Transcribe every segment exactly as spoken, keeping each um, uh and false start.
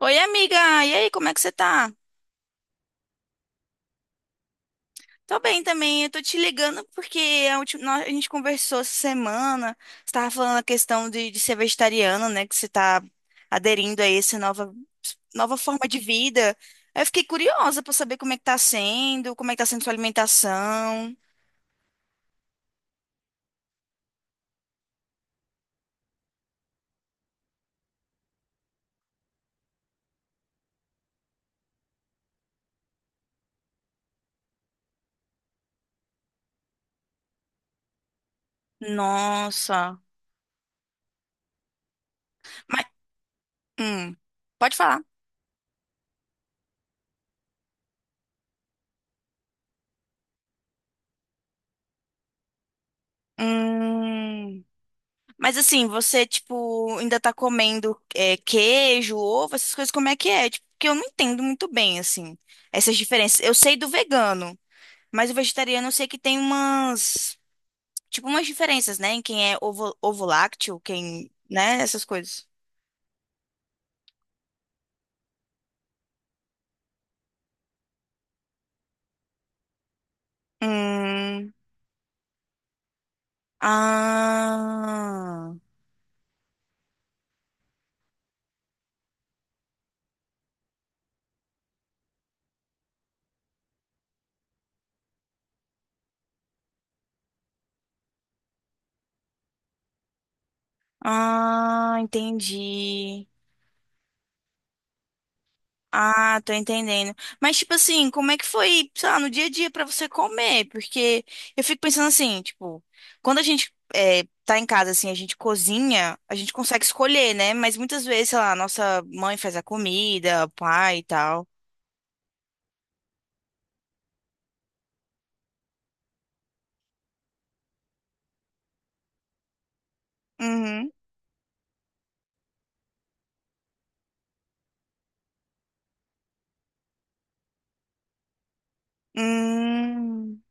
Oi, amiga! E aí, como é que você tá? Tô bem também, eu tô te ligando porque a última, nós- a gente conversou essa semana, você tava falando a questão de, de ser vegetariano, né, que você tá aderindo a essa nova, nova forma de vida. Aí Eu fiquei curiosa pra saber como é que tá sendo, como é que tá sendo sua alimentação. Nossa! Mas, hum, pode falar. Hum. Mas assim, você, tipo, ainda tá comendo é, queijo, ovo, essas coisas, como é que é? Tipo, porque eu não entendo muito bem, assim, essas diferenças. Eu sei do vegano, mas o vegetariano eu sei que tem umas, tipo, umas diferenças, né? Em quem é ovo, ovo lácteo, quem, né? Essas coisas. Hum. Ah. Ah, entendi. Ah, tô entendendo. Mas, tipo assim, como é que foi, sei lá, no dia a dia pra você comer? Porque eu fico pensando assim, tipo, quando a gente é, tá em casa, assim, a gente cozinha, a gente consegue escolher, né? Mas muitas vezes, sei lá, nossa mãe faz a comida, o pai e tal. Uhum. Hum.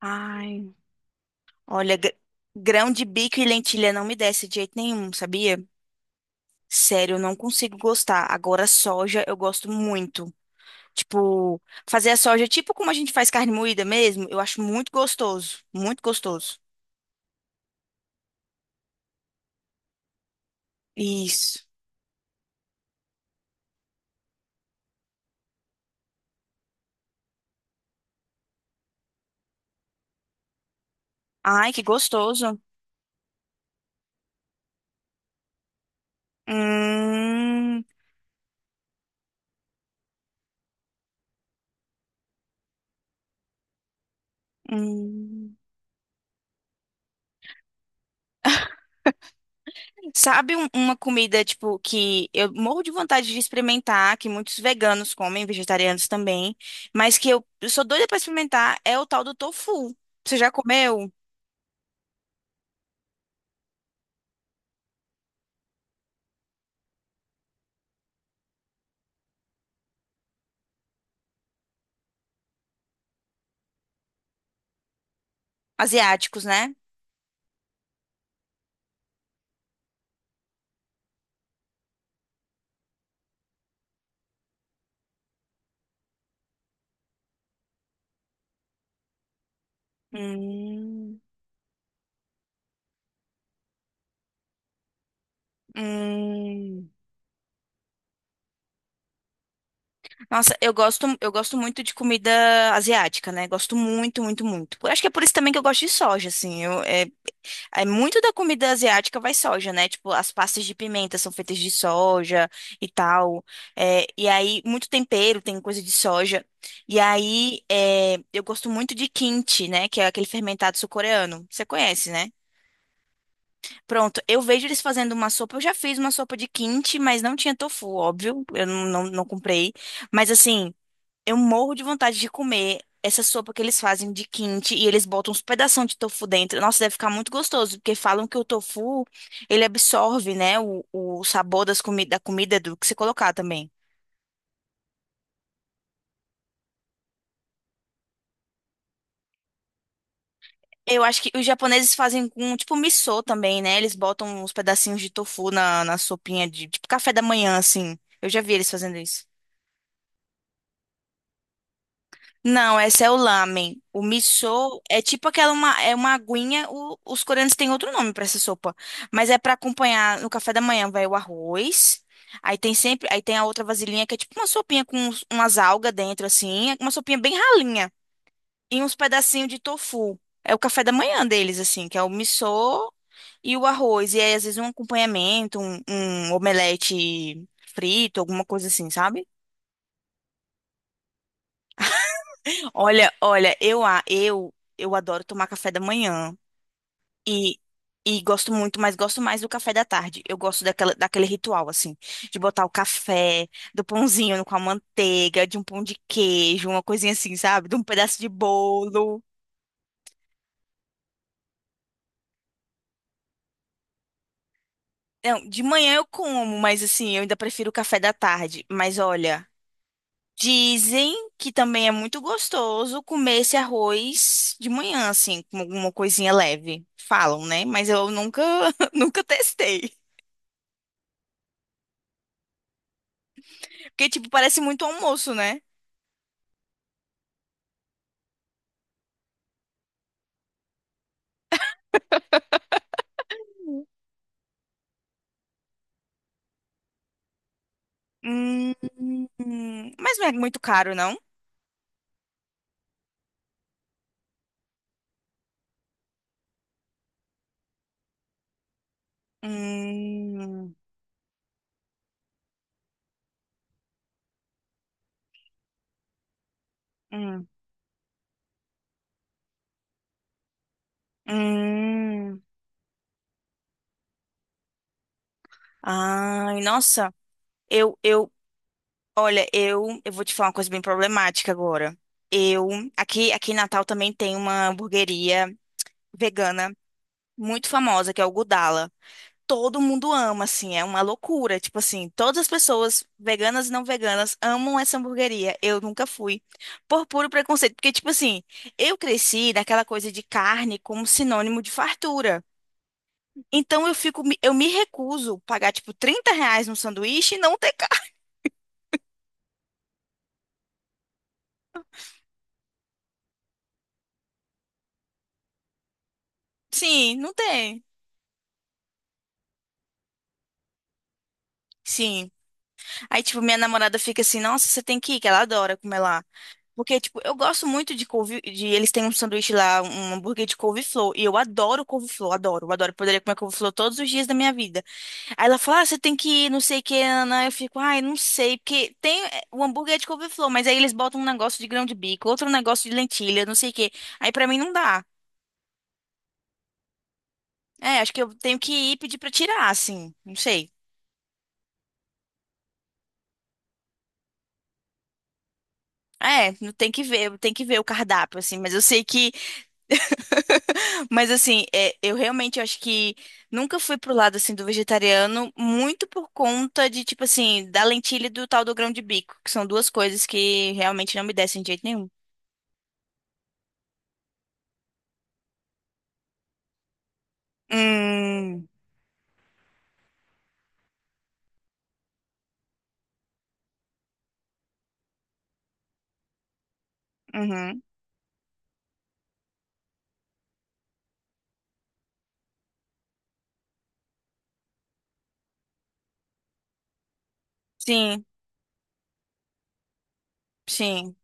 Ai. Olha, gr- grão de bico e lentilha não me desce de jeito nenhum, sabia? Sério, eu não consigo gostar. Agora, soja eu gosto muito. Tipo, fazer a soja, tipo como a gente faz carne moída mesmo, eu acho muito gostoso, muito gostoso. Isso. Ai, que gostoso. Hum, hum. Sabe um- uma comida, tipo, que eu morro de vontade de experimentar, que muitos veganos comem, vegetarianos também, mas que eu, eu sou doida pra experimentar, é o tal do tofu. Você já comeu? Asiáticos, né? Hum, hum. Nossa, eu gosto, eu gosto muito de comida asiática, né? Gosto muito, muito, muito. Eu acho que é por isso também que eu gosto de soja, assim. Eu, é, é muito da comida asiática vai soja, né? Tipo, as pastas de pimenta são feitas de soja e tal. É, e aí, muito tempero tem coisa de soja. E aí, é, eu gosto muito de kimchi, né? Que é aquele fermentado sul-coreano. Você conhece, né? Pronto, eu vejo eles fazendo uma sopa. Eu já fiz uma sopa de kimchi, mas não tinha tofu, óbvio. Eu não, não, não comprei. Mas assim. Eu morro de vontade de comer essa sopa que eles fazem de quente e eles botam uns pedação de tofu dentro. Nossa, deve ficar muito gostoso, porque falam que o tofu, ele absorve, né, o, o sabor das comi da comida do que você colocar também. Eu acho que os japoneses fazem com, tipo, missô também, né? Eles botam uns pedacinhos de tofu na, na sopinha de, tipo, café da manhã, assim. Eu já vi eles fazendo isso. Não, essa é o lamen. O miso é tipo aquela uma, é uma aguinha. O- os coreanos têm outro nome pra essa sopa, mas é pra acompanhar no café da manhã. Vai o arroz. Aí tem sempre, aí tem a outra vasilhinha que é tipo uma sopinha com uns- umas algas dentro assim, é uma sopinha bem ralinha e uns pedacinhos de tofu. É o café da manhã deles assim, que é o miso e o arroz. E aí às vezes um acompanhamento, um, um omelete frito, alguma coisa assim, sabe? Olha, olha, eu a eu eu adoro tomar café da manhã. E, e gosto muito, mas gosto mais do café da tarde. Eu gosto daquela, daquele ritual, assim, de botar o café, do pãozinho com a manteiga, de um pão de queijo, uma coisinha assim, sabe? De um pedaço de bolo. Não, de manhã eu como, mas assim, eu ainda prefiro o café da tarde. Mas olha, dizem que também é muito gostoso comer esse arroz de manhã, assim, com alguma coisinha leve. Falam, né? Mas eu nunca, nunca testei. Porque, tipo, parece muito almoço, né? Hum, hum. mas não é muito caro, não? Hum, hum, hum. Ai, nossa, eu, eu, olha, eu, eu vou te falar uma coisa bem problemática agora. Eu, aqui, aqui em Natal também tem uma hamburgueria vegana muito famosa, que é o Gudala. Todo mundo ama, assim, é uma loucura. Tipo assim, todas as pessoas, veganas e não veganas, amam essa hamburgueria. Eu nunca fui, por puro preconceito. Porque, tipo assim, eu cresci naquela coisa de carne como sinônimo de fartura. Então eu fico, me- eu me recuso pagar, tipo, trinta reais num sanduíche e não ter carne. Sim, não tem. Sim. Aí, tipo, minha namorada fica assim, nossa, você tem que ir, que ela adora comer lá. Porque, tipo, eu gosto muito de couve, de, eles têm um sanduíche lá, um hambúrguer de couve-flor, e eu adoro couve-flor, adoro, adoro, eu poderia comer couve-flor todos os dias da minha vida. Aí ela fala, ah, você tem que ir, não sei o que, Ana, eu fico, ai, não sei, porque tem é, o hambúrguer é de couve-flor, mas aí eles botam um negócio de grão de bico, outro negócio de lentilha, não sei o que, aí pra mim não dá. É, acho que eu tenho que ir pedir pra tirar, assim, não sei. É, não tem que ver, tem que ver o cardápio, assim, mas eu sei que mas assim, é, eu realmente acho que nunca fui pro lado assim do vegetariano, muito por conta de tipo assim, da lentilha e do tal do grão de bico, que são duas coisas que realmente não me descem de jeito nenhum. Hum, uhum. Sim, sim.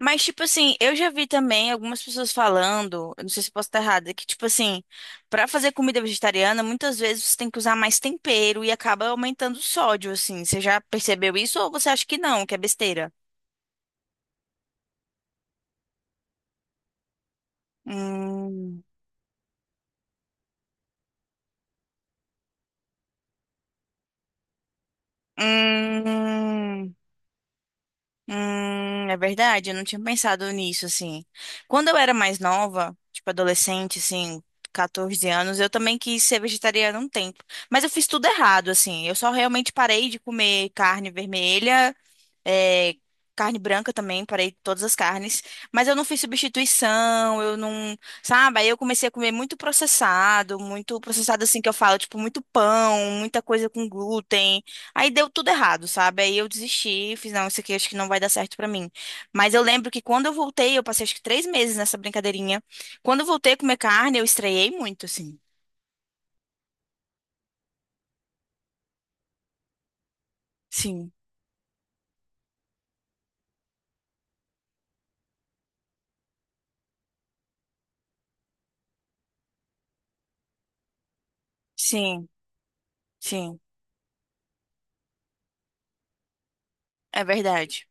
Mas tipo assim, eu já vi também algumas pessoas falando, eu não sei se eu posso estar errada, que tipo assim, pra fazer comida vegetariana, muitas vezes você tem que usar mais tempero e acaba aumentando o sódio assim. Você já percebeu isso ou você acha que não, que é besteira? Hum. Hum, hum, é verdade, eu não tinha pensado nisso, assim. Quando eu era mais nova, tipo adolescente, assim, catorze anos, eu também quis ser vegetariana um tempo. Mas eu fiz tudo errado, assim. Eu só realmente parei de comer carne vermelha é, carne branca também, parei todas as carnes. Mas eu não fiz substituição, eu não. Sabe? Aí eu comecei a comer muito processado, muito processado assim que eu falo, tipo, muito pão, muita coisa com glúten. Aí deu tudo errado, sabe? Aí eu desisti, fiz, não, isso aqui acho que não vai dar certo pra mim. Mas eu lembro que quando eu voltei, eu passei acho que três meses nessa brincadeirinha. Quando eu voltei a comer carne, eu estranhei muito, assim. Sim, sim, sim. É verdade.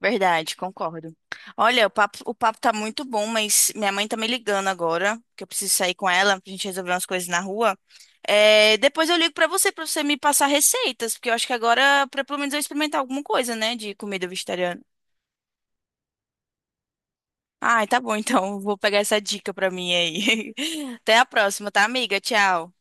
Verdade, concordo. Olha, o papo, o papo tá muito bom, mas minha mãe tá me ligando agora, que eu preciso sair com ela pra gente resolver umas coisas na rua. É, depois eu ligo pra você, pra você me passar receitas, porque eu acho que agora, pra, pelo menos eu experimentar alguma coisa, né, de comida vegetariana. Ai, tá bom, então, vou pegar essa dica pra mim aí. Até a próxima, tá, amiga? Tchau.